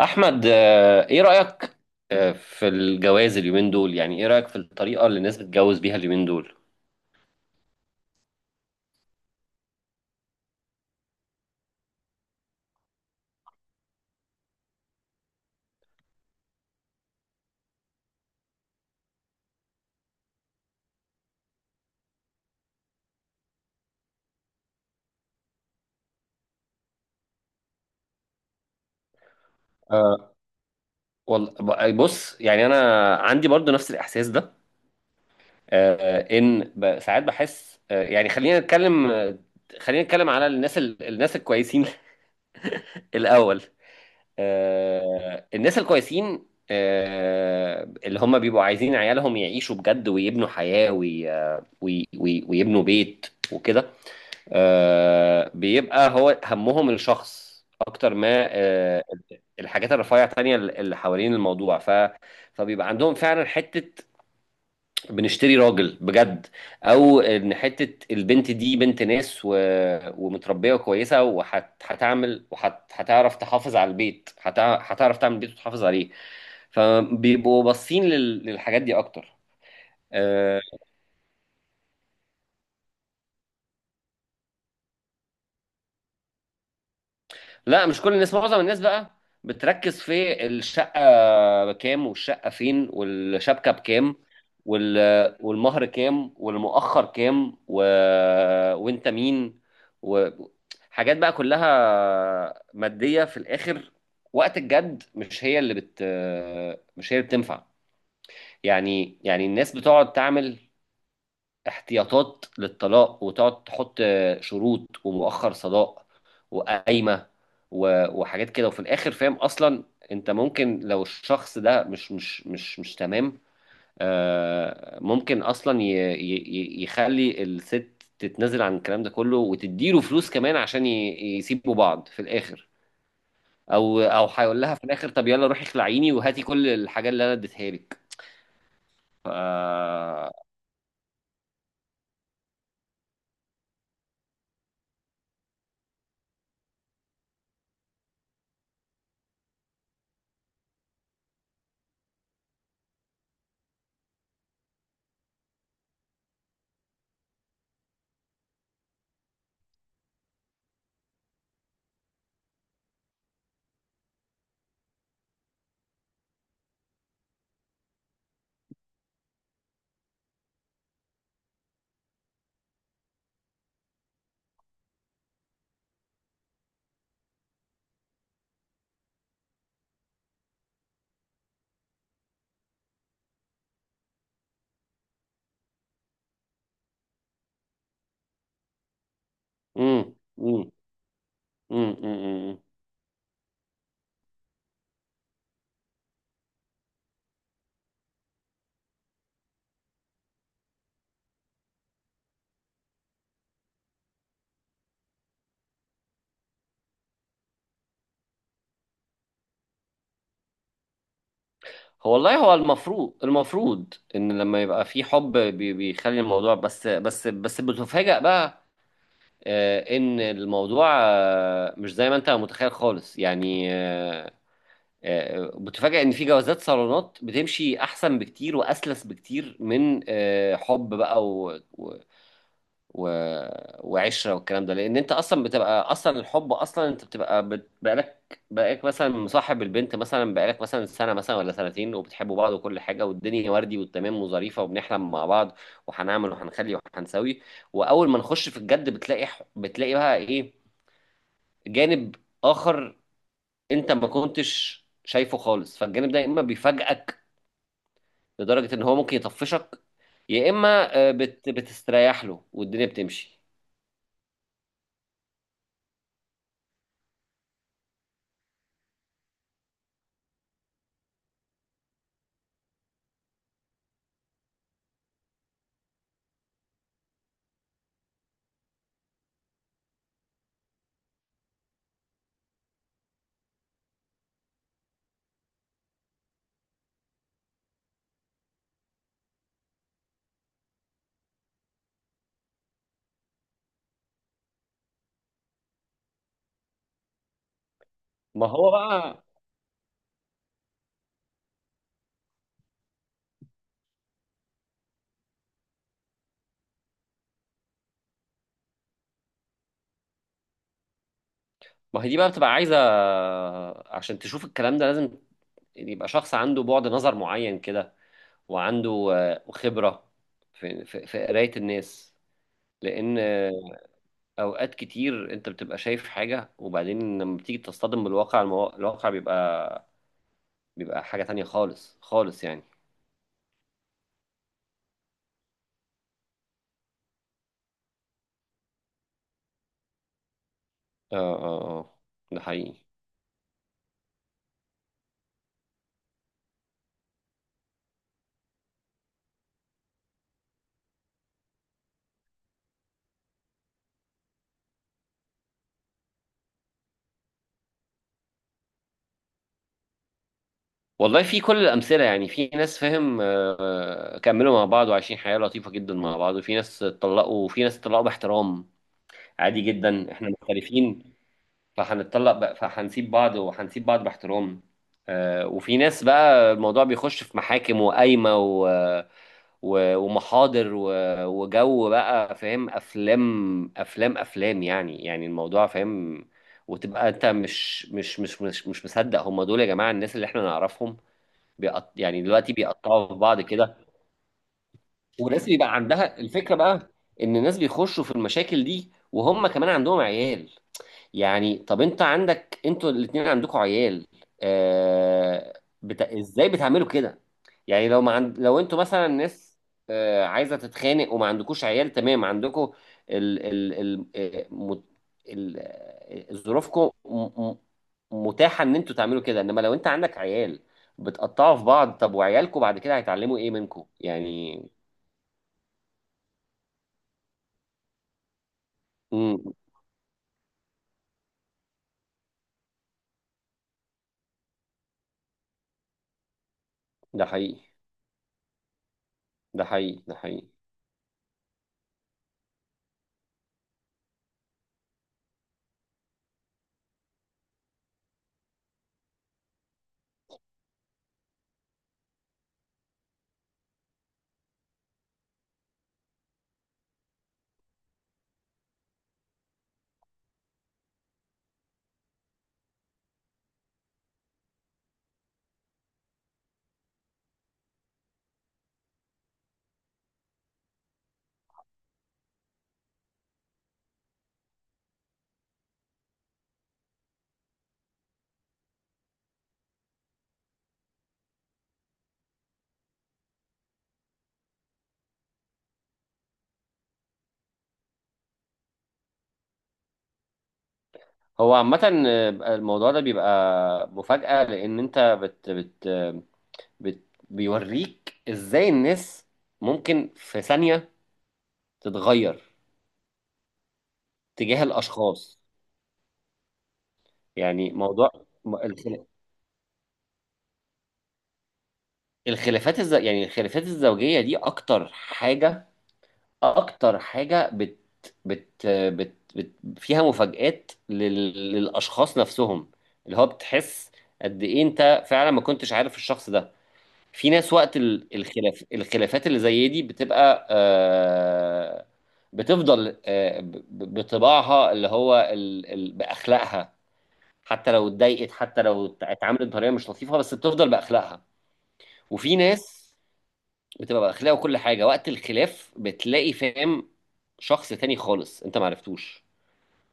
احمد، ايه رايك في الجواز اليومين دول؟ يعني ايه رايك في الطريقه اللي الناس بتتجوز بيها اليومين دول؟ آه، والله، بص، يعني انا عندي برضو نفس الاحساس ده. ان ساعات بحس، يعني خلينا نتكلم، خلينا نتكلم على الناس الناس الكويسين الاول. الناس الكويسين، اللي هم بيبقوا عايزين عيالهم يعيشوا بجد ويبنوا حياه ويبنوا بيت وكده. بيبقى هو همهم الشخص اكتر ما الحاجات الرفيعه التانية اللي حوالين الموضوع، فبيبقى عندهم فعلا حته، بنشتري راجل بجد، او ان حته البنت دي بنت ناس، ومتربيه وكويسه وهتعمل وهتعرف تحافظ على البيت، هتعرف تعمل بيت وتحافظ عليه. فبيبقوا باصين للحاجات دي اكتر. آه، لا، مش كل الناس، معظم الناس بقى بتركز في الشقة بكام، والشقة فين، والشبكة بكام، وال... والمهر كام، والمؤخر كام، وانت مين، وحاجات بقى كلها مادية في الآخر. وقت الجد مش هي اللي بتنفع. يعني الناس بتقعد تعمل احتياطات للطلاق، وتقعد تحط شروط، ومؤخر صداق، وقايمة، وحاجات كده، وفي الآخر فاهم أصلا أنت ممكن، لو الشخص ده مش تمام، ممكن أصلا ي- يخلي الست تتنازل عن الكلام ده كله، وتديله فلوس كمان عشان يسيبوا بعض في الآخر. أو هيقول لها في الآخر طب يلا روحي اخلعيني وهاتي كل الحاجات اللي أنا اديتها لك. ف... مم. مم. مم. مم. والله هو المفروض ان لما يبقى في حب بيخلي الموضوع، بس بتفاجأ بقى. ان الموضوع مش زي ما انت متخيل خالص يعني. بتفاجأ ان في جوازات صالونات بتمشي احسن بكتير واسلس بكتير من حب بقى، و... وعشره والكلام ده، لان انت اصلا بتبقى اصلا الحب، اصلا انت بتبقى بقالك مثلا مصاحب البنت، مثلا بقالك مثلا سنه، مثلا ولا سنتين، وبتحبوا بعض وكل حاجه، والدنيا وردي والتمام وظريفه، وبنحلم مع بعض، وهنعمل وهنخلي وهنسوي. واول ما نخش في الجد بتلاقي بتلاقي بقى ايه، جانب اخر انت ما كنتش شايفه خالص. فالجانب ده يا اما بيفاجئك لدرجه ان هو ممكن يطفشك، يا اما بتستريح له والدنيا بتمشي. ما هو بقى. ما هي دي بقى بتبقى عايزة، عشان تشوف الكلام ده لازم يبقى شخص عنده بعد نظر معين كده، وعنده خبرة في قراية الناس. لأن أوقات كتير أنت بتبقى شايف حاجة، وبعدين لما بتيجي تصطدم بالواقع الواقع بيبقى حاجة تانية خالص خالص يعني. اه، اه، اه. ده حقيقي. والله في كل الأمثلة، يعني في ناس فاهم. كملوا مع بعض وعايشين حياة لطيفة جدا مع بعض، وفي ناس اتطلقوا، وفي ناس اتطلقوا باحترام. عادي جدا احنا مختلفين، فهنتطلق بقى، فهنسيب بعض، وهنسيب بعض باحترام. وفي ناس بقى الموضوع بيخش في محاكم وقايمة ومحاضر وجو بقى، فاهم، أفلام أفلام أفلام، يعني الموضوع فاهم. وتبقى أنت مش مصدق هم دول، يا جماعة، الناس اللي احنا نعرفهم يعني دلوقتي بيقطعوا في بعض كده. وناس بيبقى عندها الفكرة بقى، إن الناس بيخشوا في المشاكل دي وهم كمان عندهم عيال. يعني طب انتوا الاتنين عندكوا عيال، ازاي بتعملوا كده؟ يعني لو ما عند... لو انتوا مثلا ناس عايزه تتخانق وما عندكوش عيال، تمام، عندكوا ال... ال... ال... آه، مت... ظروفكم م... متاحه ان انتوا تعملوا كده، انما لو انت عندك عيال بتقطعوا في بعض، طب وعيالكم بعد كده هيتعلموا ايه منكم يعني؟ امم. ده حقيقي، ده حقيقي، ده حقيقي. هو عامة الموضوع ده بيبقى مفاجأة، لأن أنت بت بت بت بيوريك إزاي الناس ممكن في ثانية تتغير تجاه الأشخاص. يعني موضوع م- الخل- الخلافات يعني الخلافات الزوجية دي أكتر حاجة، أكتر حاجة بت بت بت, بت فيها مفاجآت للأشخاص نفسهم، اللي هو بتحس قد إيه أنت فعلا ما كنتش عارف الشخص ده. في ناس وقت الخلافات اللي زي دي بتبقى، بتفضل، بطباعها، اللي هو بأخلاقها. حتى لو اتضايقت، حتى لو اتعاملت بطريقة مش لطيفة، بس بتفضل بأخلاقها. وفي ناس بتبقى بأخلاقها وكل حاجة، وقت الخلاف بتلاقي، فاهم، شخص تاني خالص انت معرفتوش،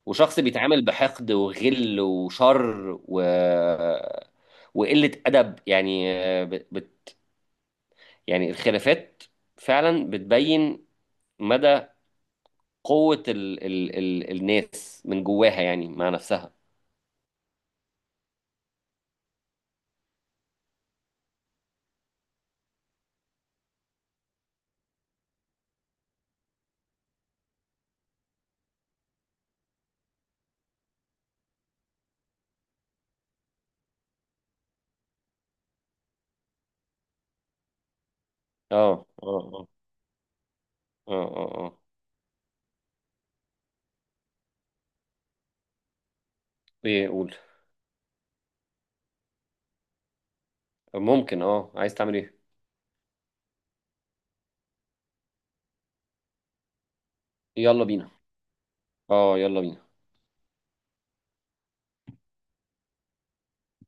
وشخص بيتعامل بحقد وغل وشر وقلة أدب، يعني يعني الخلافات فعلا بتبين مدى قوة ال ال ال الناس من جواها يعني مع نفسها. اه، اه، اه. اه، اه، اه. ايه قول؟ ممكن. اه، عايز تعمل ايه؟ يلا بينا. اه يلا بينا.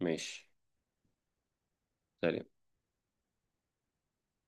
ماشي. سلام.